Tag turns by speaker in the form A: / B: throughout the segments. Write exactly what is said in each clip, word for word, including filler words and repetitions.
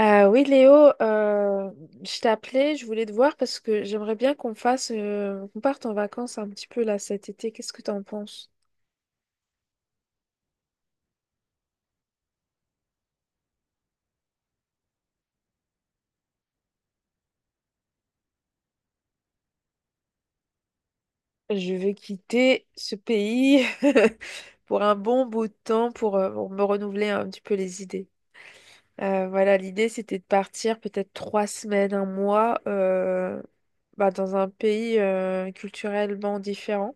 A: Euh, oui, Léo, euh, je t'ai appelé, je voulais te voir parce que j'aimerais bien qu'on fasse, euh, qu'on parte en vacances un petit peu là cet été. Qu'est-ce que t'en penses? Je veux quitter ce pays pour un bon bout de temps pour, euh, pour me renouveler un petit peu les idées. Euh, voilà, l'idée c'était de partir peut-être trois semaines, un mois, euh, bah, dans un pays euh, culturellement différent.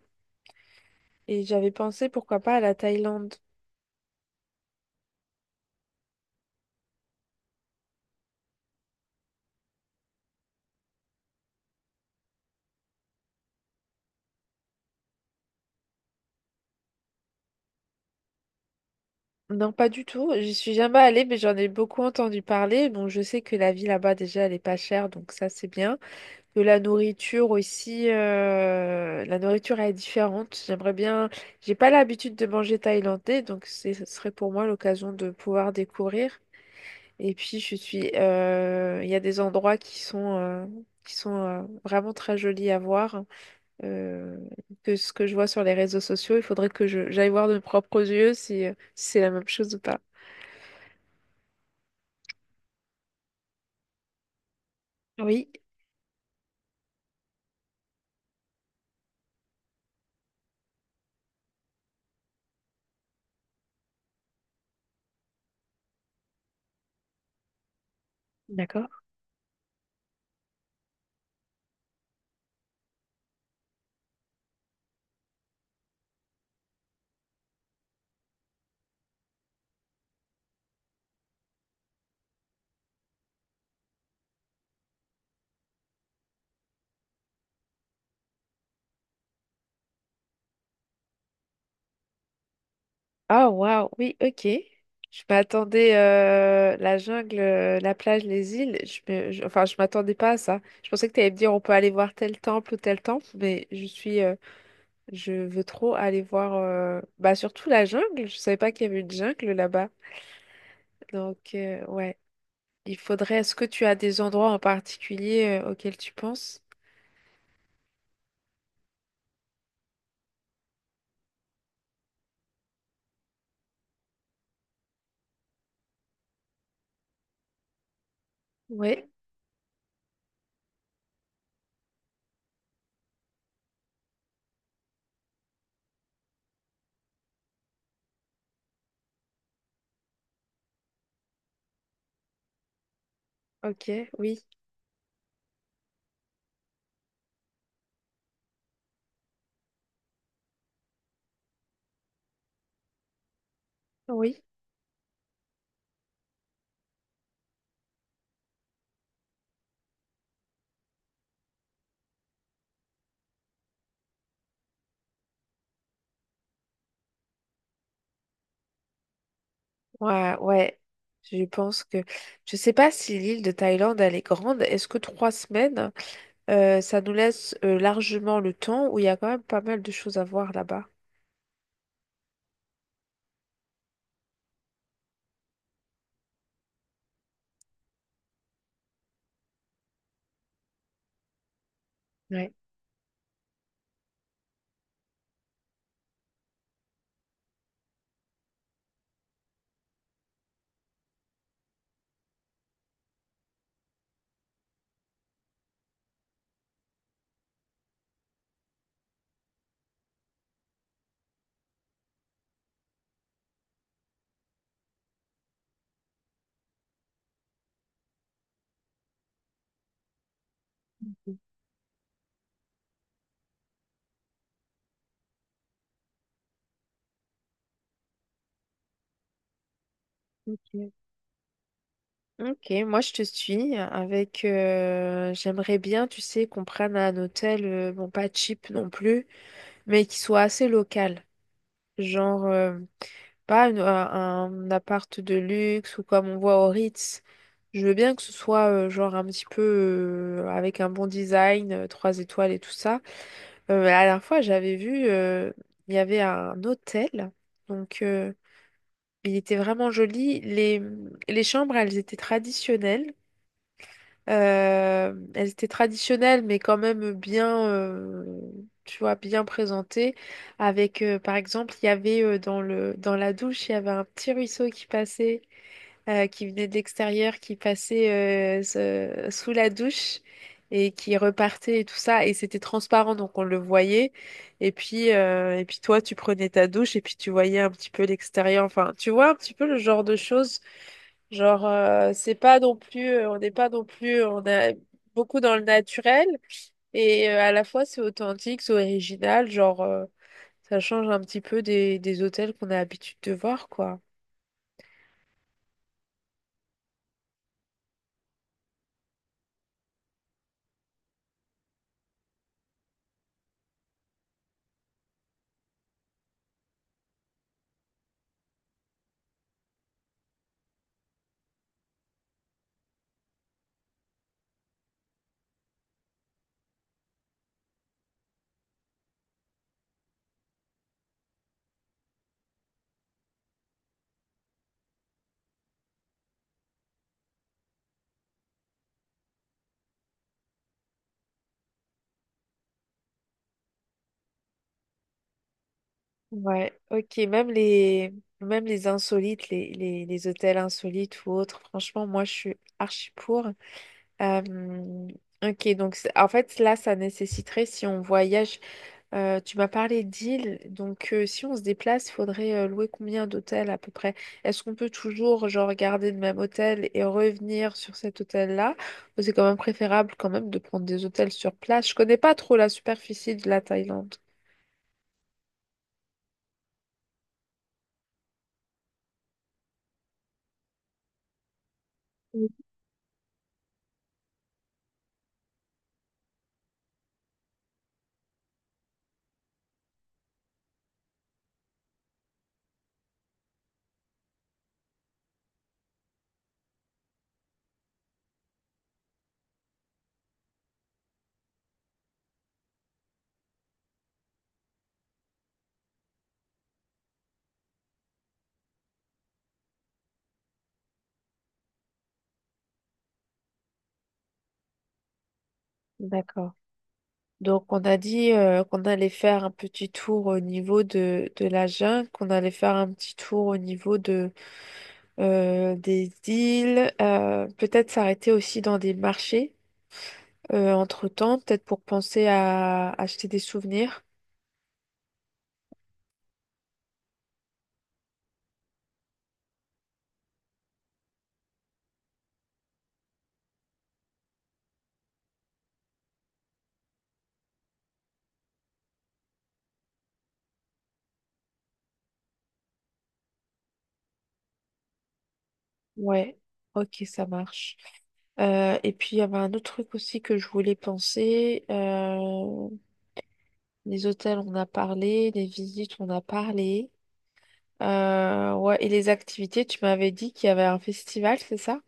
A: Et j'avais pensé pourquoi pas à la Thaïlande. Non, pas du tout. J'y suis jamais allée, mais j'en ai beaucoup entendu parler. Bon, je sais que la vie là-bas, déjà, elle est pas chère, donc ça, c'est bien. Que la nourriture aussi, euh, la nourriture elle est différente. J'aimerais bien. J'ai pas l'habitude de manger thaïlandais, donc c'est- ce serait pour moi l'occasion de pouvoir découvrir. Et puis, je suis. Euh, Il y a des endroits qui sont, euh, qui sont euh, vraiment très jolis à voir. euh, que ce que je vois sur les réseaux sociaux, il faudrait que je j'aille voir de mes propres yeux si, si c'est la même chose ou pas. Oui, d'accord. Ah, waouh, oui, ok. Je m'attendais euh, la jungle, euh, la plage, les îles. Je me- je- enfin, je m'attendais pas à ça. Je pensais que tu allais me dire on peut aller voir tel temple ou tel temple, mais je suis, euh, je veux trop aller voir, euh, bah surtout la jungle. Je savais pas qu'il y avait une jungle là-bas. Donc euh, ouais, il faudrait. Est-ce que tu as des endroits en particulier euh, auxquels tu penses? Ouais. Ok. Oui. Oui. Ouais, ouais, je pense que... Je sais pas si l'île de Thaïlande, elle est grande. Est-ce que trois semaines, euh, ça nous laisse euh, largement le temps où il y a quand même pas mal de choses à voir là-bas? Ouais. Ok. Ok, moi je te suis avec euh, j'aimerais bien, tu sais, qu'on prenne un hôtel, euh, bon pas cheap non plus, mais qui soit assez local. Genre euh, pas une- un, un appart de luxe ou comme on voit au Ritz. Je veux bien que ce soit euh, genre un petit peu euh, avec un bon design, euh, trois étoiles et tout ça. Euh, la dernière fois, j'avais vu, euh, il y avait un hôtel. Donc, euh, il était vraiment joli. Les, les chambres, elles étaient traditionnelles. Euh, elles étaient traditionnelles, mais quand même bien, euh, tu vois, bien présentées. Avec, euh, par exemple, il y avait euh, dans le, dans la douche, il y avait un petit ruisseau qui passait, euh, qui venait de l'extérieur, qui passait euh, se- sous la douche et qui repartait et tout ça. Et c'était transparent, donc on le voyait. Et puis, euh, et puis toi, tu prenais ta douche et puis tu voyais un petit peu l'extérieur. Enfin, tu vois un petit peu le genre de choses. Genre, euh, c'est pas non plus, euh, on n'est pas non plus, on a beaucoup dans le naturel et euh, à la fois c'est authentique, c'est original, genre, euh, ça change un petit peu des, des hôtels qu'on a l'habitude de voir, quoi. Ouais, ok, même les, même les insolites, les, les, les hôtels insolites ou autres, franchement, moi je suis archi pour. Euh, ok, donc c'est- en fait, là, ça nécessiterait, si on voyage. Euh, tu m'as parlé d'îles, donc euh, si on se déplace, il faudrait euh, louer combien d'hôtels à peu près? Est-ce qu'on peut toujours genre garder le même hôtel et revenir sur cet hôtel-là? Ou c'est quand même préférable quand même de prendre des hôtels sur place? Je connais pas trop la superficie de la Thaïlande. Mm. D'accord. Donc on a dit euh, qu'on allait faire un petit tour au niveau de, de la jungle, qu'on allait faire un petit tour au niveau de, euh, des îles, euh, peut-être s'arrêter aussi dans des marchés. Euh, entre-temps, peut-être pour penser à acheter des souvenirs. Ouais, ok, ça marche. Euh, et puis, il y avait un autre truc aussi que je voulais penser. Euh, les hôtels, on a parlé, les visites, on a parlé. Euh, ouais, et les activités, tu m'avais dit qu'il y avait un festival, c'est ça?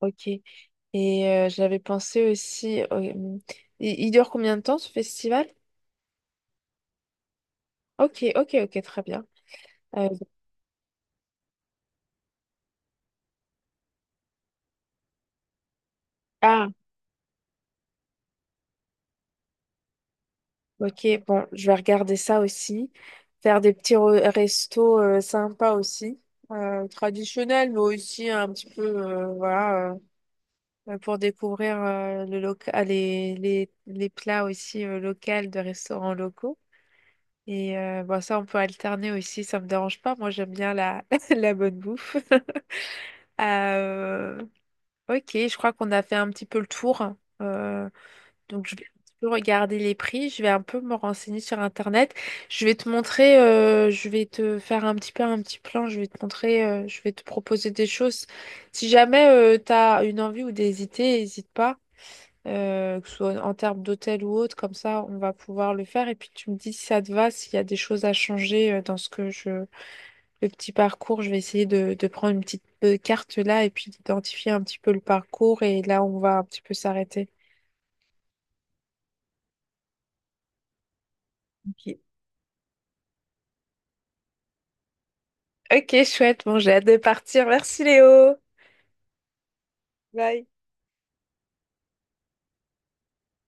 A: Ok. Et euh, j'avais pensé aussi... euh, il il dure combien de temps ce festival? Ok, ok, ok, très bien. Euh, ah, ok, bon, je vais regarder ça aussi. Faire des petits re- restos euh, sympas aussi, euh, traditionnels, mais aussi un petit peu, euh, voilà, euh, pour découvrir euh, le loca- les, les, les plats aussi euh, locaux de restaurants locaux. Et euh, bon, ça, on peut alterner aussi, ça me dérange pas. Moi, j'aime bien la, la bonne bouffe. Euh, ok, je crois qu'on a fait un petit peu le tour. Euh, donc, je vais un petit peu regarder les prix, je vais un peu me renseigner sur Internet. Je vais te montrer, euh, je vais te faire un petit peu un petit plan, je vais te montrer, euh, je vais te proposer des choses. Si jamais euh, tu as une envie ou des idées, n'hésite pas, euh, que ce soit en termes d'hôtel ou autre, comme ça, on va pouvoir le faire. Et puis, tu me dis si ça te va, s'il y a des choses à changer euh, dans ce que je, le petit parcours. Je vais essayer de, de prendre une petite euh, carte là et puis d'identifier un petit peu le parcours et là, on va un petit peu s'arrêter. Ok. Ok, chouette. Bon, j'ai hâte de partir. Merci Léo. Bye.